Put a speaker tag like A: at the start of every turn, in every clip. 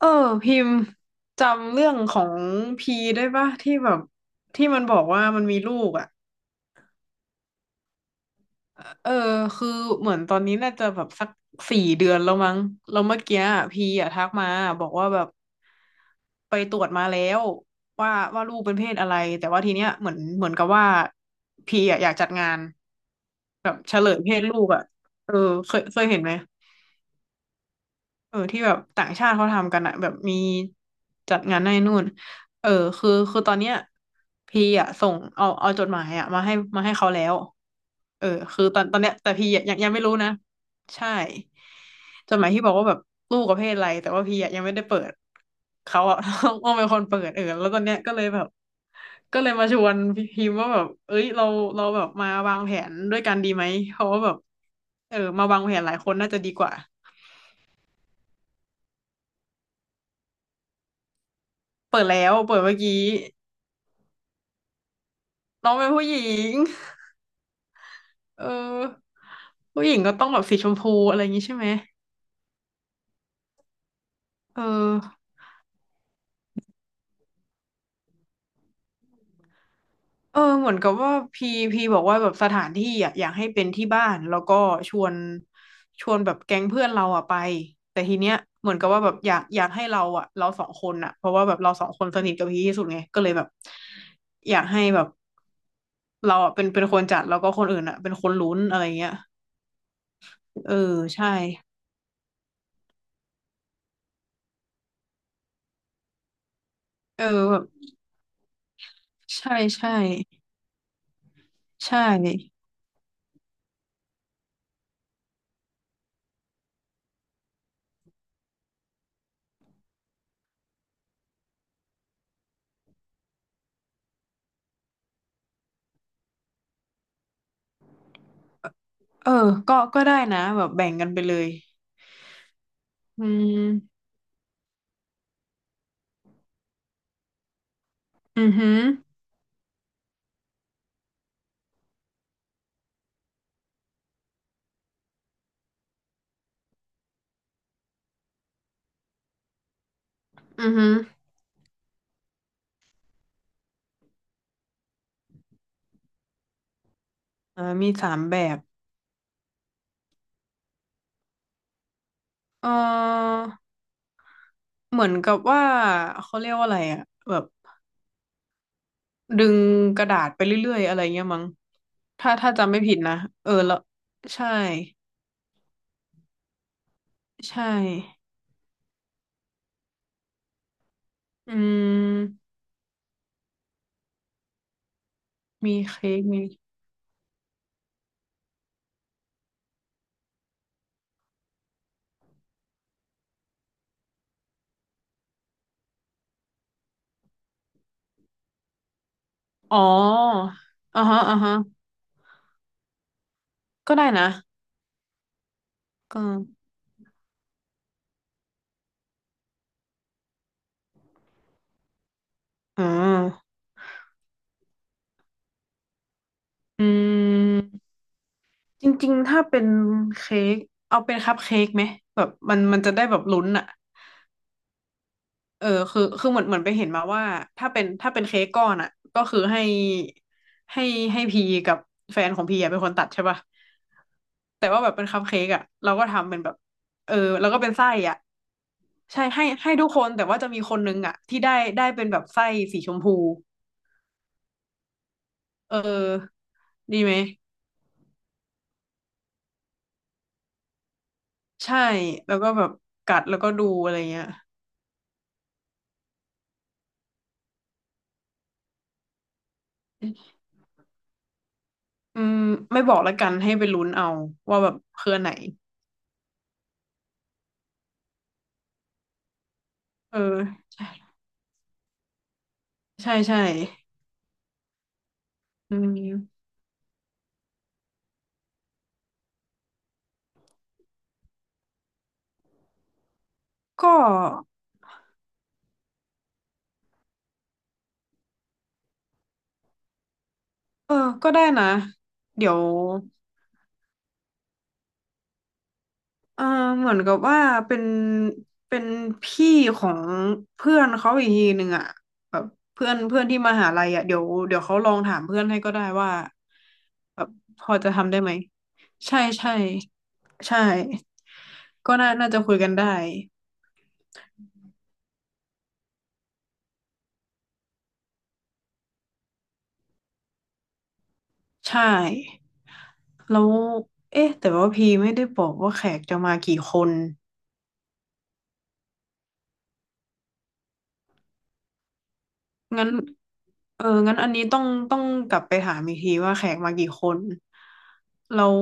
A: เออพิมพ์จำเรื่องของพีได้ปะที่แบบที่มันบอกว่ามันมีลูกอ่ะเออคือเหมือนตอนนี้น่าจะแบบสัก4 เดือนแล้วมั้งแล้วเมื่อกี้อะพีอ่ะทักมาบอกว่าแบบไปตรวจมาแล้วว่าลูกเป็นเพศอะไรแต่ว่าทีเนี้ยเหมือนเหมือนกับว่าพีอ่ะอยากจัดงานแบบเฉลยเพศลูกอ่ะเออเคยเคยเห็นไหม เออที่แบบต่างชาติเขาทำกันอะแบบมีจัดงานให้นู่นเออคือตอนเนี้ยพี่อะส่งเอาเอาจดหมายอะมาให้มาให้เขาแล้วเออคือตอนตอนเนี้ยแต่พี่อะยังไม่รู้นะใช่จดหมายที่บอกว่าแบบลูกประเภทอะไรแต่ว่าพี่อะยังไม่ได้เปิดเขาอะ ต้องเป็นคนเปิดเออแล้วตอนเนี้ยก็เลยแบบก็เลยมาชวนพี่พิมพ์ว่าแบบเอ้ยเราแบบมาวางแผนด้วยกันดีไหมเพราะว่าแบบเออมาวางแผนหลายคนน่าจะดีกว่า เปิดแล้วเปิดเมื่อกี้น้องเป็นผู้หญิงเออผู้หญิงก็ต้องแบบสีชมพูอะไรอย่างงี้ใช่ไหมเออเออเหมือนกับว่าพีพีบอกว่าแบบสถานที่อะอยากให้เป็นที่บ้านแล้วก็ชวนชวนแบบแก๊งเพื่อนเราอะไปแต่ทีเนี้ยเหมือนกับว่าแบบอยากให้เราอะเราสองคนอะเพราะว่าแบบเราสองคนสนิทกับพีที่สุดไงก็เลยแบบอยากให้แบบเราอะเป็นคนจัดแล้วก็คนอื่นอะเป็นคนลุ้นอะไรเงี้ยเออใช่เออแบบใช่ใช่ ใช่เออก็ก็ได้นะแบบแบ่งกันไปเลย อืมอือหืออือหืออ่ามี3 แบบเออเหมือนกับว่าเขาเรียกว่าอะไรอะแบบดึงกระดาษไปเรื่อยๆอะไรเงี้ยมั้งถ้าจำไม่ผิดนะเออแล้วใช่ ใช่อืมมีเค้กมีอ๋ออ่าฮะอ่าฮะก็ได้นะก็อืมอืม จริงๆถ้าเป็นเค้กเอาเป็นคัพเค้กไหมแบบมันมันจะได้แบบลุ้นอ่ะเออคือคือเหมือนเหมือนไปเห็นมาว่าถ้าเป็นเค้กก้อนอ่ะก็คือให้ให้พีกับแฟนของพีอะเป็นคนตัดใช่ป่ะแต่ว่าแบบเป็นคัพเค้กอ่ะเราก็ทำเป็นแบบเออแล้วก็เป็นไส้อ่ะใช่ให้ทุกคนแต่ว่าจะมีคนนึงอ่ะที่ได้ได้เป็นแบบไส้สีชมพูเออดีไหมใช่แล้วก็แบบกัดแล้วก็ดูอะไรเงี้ย อืมไม่บอกละกันให้ไปลุ้นเอาว่าแบบคืออันไหนเออใช่ใช่ใช่อืมก็เออก็ได้นะเดี๋ยวเออเหมือนกับว่าเป็นเป็นพี่ของเพื่อนเขาอีกทีหนึ่งอ่ะแบบเพื่อนเพื่อนที่มหาลัยอ่ะเดี๋ยวเดี๋ยวเขาลองถามเพื่อนให้ก็ได้ว่าแบบพอจะทำได้ไหมใช่ใช่ใช่ก็น่าน่าจะคุยกันได้ ใช่แล้วเอ๊ะแต่ว่าพีไม่ได้บอกว่าแขกจะมากี่คน งั้นเอองั้นอันนี้ต้องกลับไปถามอีกทีว่าแขกมากี่คนแล้ว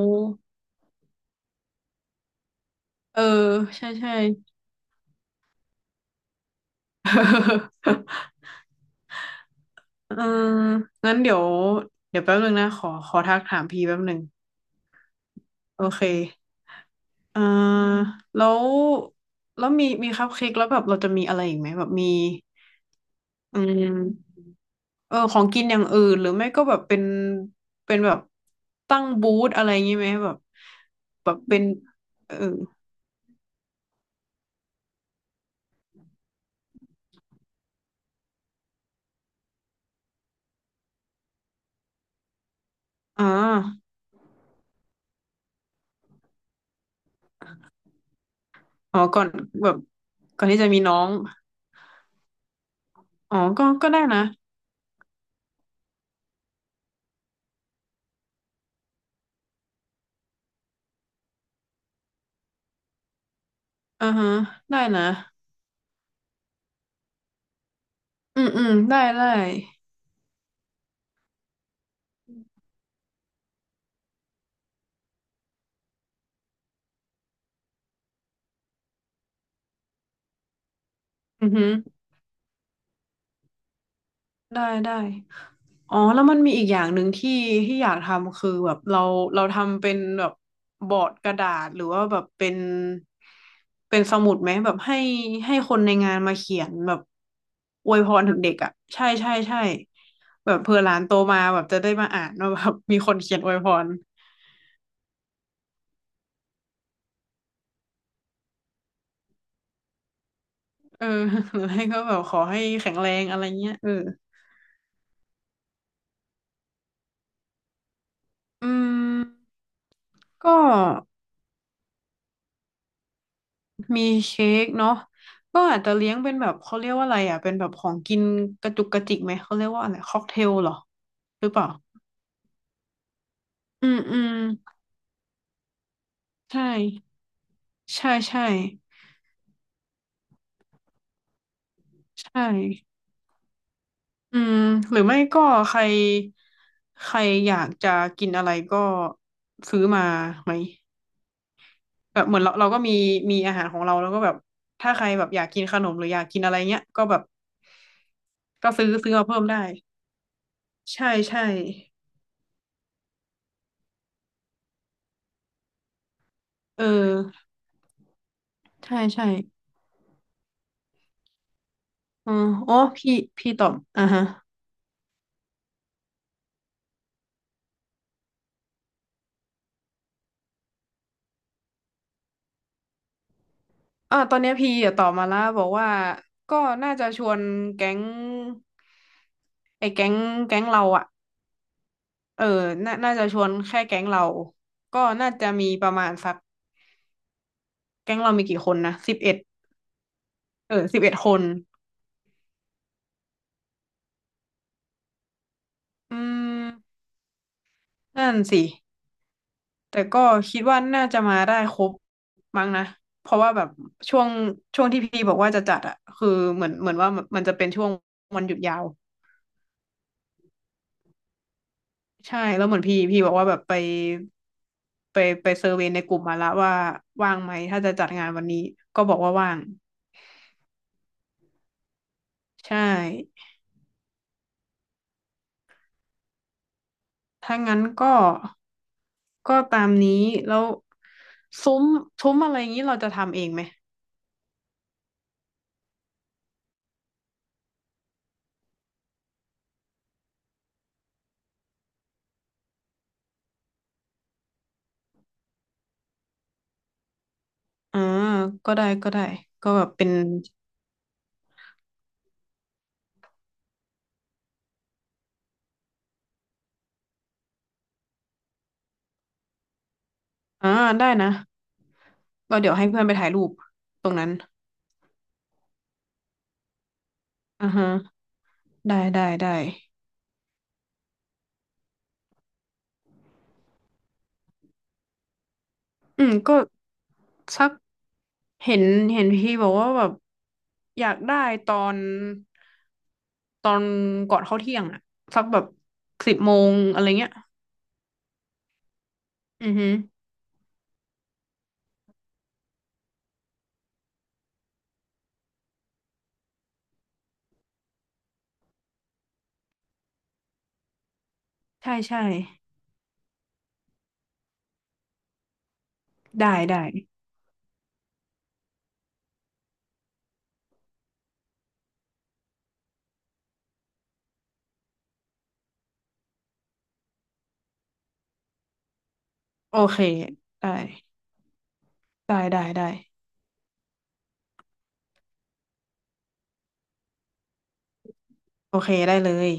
A: เออใช่ใช่ เออ งั้นเดี๋ยว เดี๋ยวแป๊บนึงนะขอขอทักถามพีแป๊บนึงโอเคเออแล้วแล้วมีคัพเค้กแล้วแบบเราจะมีอะไรอีกไหมแบบมีอืม เออของกินอย่างอื่นหรือไม่ก็แบบเป็นเป็นแบบตั้งบูธอะไรอย่างงี้ไหมแบบแบบเป็นเอออ่าอ๋อก่อนแบบก่อนที่จะมีน้องอ๋อก็ก็ได้นะอ่าฮะได้นะอืมอืมได้ได้อือฮึได้ได้ อ๋อแล้วมันมีอีกอย่างหนึ่งที่ที่อยากทำคือแบบเราเราทำเป็นแบบบอร์ดกระดาษหรือว่าแบบเป็นสมุดไหมแบบให้คนในงานมาเขียนแบบอวยพรถึงเด็กอ่ะใช่ใช่ใช่แบบเผื่อหลานโตมาแบบจะได้มาอ่านว่าแบบมีคนเขียนอวยพรเออ หรือให้ก็แบบขอให้แข็งแรงอะไรเงี้ยเอออืมก็ มีเค้กเนาะก็อาจจะเลี้ยงเป็นแบบเขาเรียกว่าอะไรอ่ะเป็นแบบของกินกระจุกกระจิกไหมเขาเรียกว่าอะไรค็อกเทลเหรอหรือเปล่าอืมอืมใช่ใช่ใช่ใช่อืมหรือไม่ก็ใครใครอยากจะกินอะไรก็ซื้อมาไหมแบบเหมือนเราเราก็มีมีอาหารของเราแล้วก็แบบถ้าใครแบบอยากกินขนมหรืออยากกินอะไรเงี้ยก็แบบก็ซื้อซื้อมาเพิ่มได้ใช่ใช่เออใช่ใช่ อ๋ออ๋อพี่พี่ตอบอ่าฮะอ่าตอนเนี้ยพี่อะตอบมาแล้วบอกว่าก็น่าจะชวนแก๊งไอ้แก๊งแก๊งเราอะเออน่าจะชวนแค่แก๊งเราก็น่าจะมีประมาณสักแก๊งเรามีกี่คนนะสิบเอ็ดเออ11 คนอืมนั่นสิแต่ก็คิดว่าน่าจะมาได้ครบมั้งนะเพราะว่าแบบช่วงช่วงที่พี่บอกว่าจะจัดอะคือเหมือนเหมือนว่ามันจะเป็นช่วงวันหยุดยาว ใช่แล้วเหมือนพี่พี่บอกว่าแบบไปไปไปเซอร์เวย์ในกลุ่มมาละว่าว่างไหมถ้าจะจัดงานวันนี้ก็บอกว่าว่างใช่ถ้างั้นก็ก็ตามนี้แล้วซุ้มซุ้มอะไรอย่างนี้เราจะทำเองไหมอ่าก็ได้ก็ได้ก็แบบเป็นอ่าได้นะก็เดี๋ยวให้เพื่อนไปถ่ายรูปตรงนั้นอ่าฮะได้ได้ได้อืมก็สักเห็นเห็นพี่บอกว่าแบบอยากได้ตอน ตอนก่อนเข้าเที่ยงอะสักแบบ10 โมงอะไรเงี้ยอือฮึใช่ใช่ได้ได้โอเคได้ได้ได้ได้โอเคได้เลย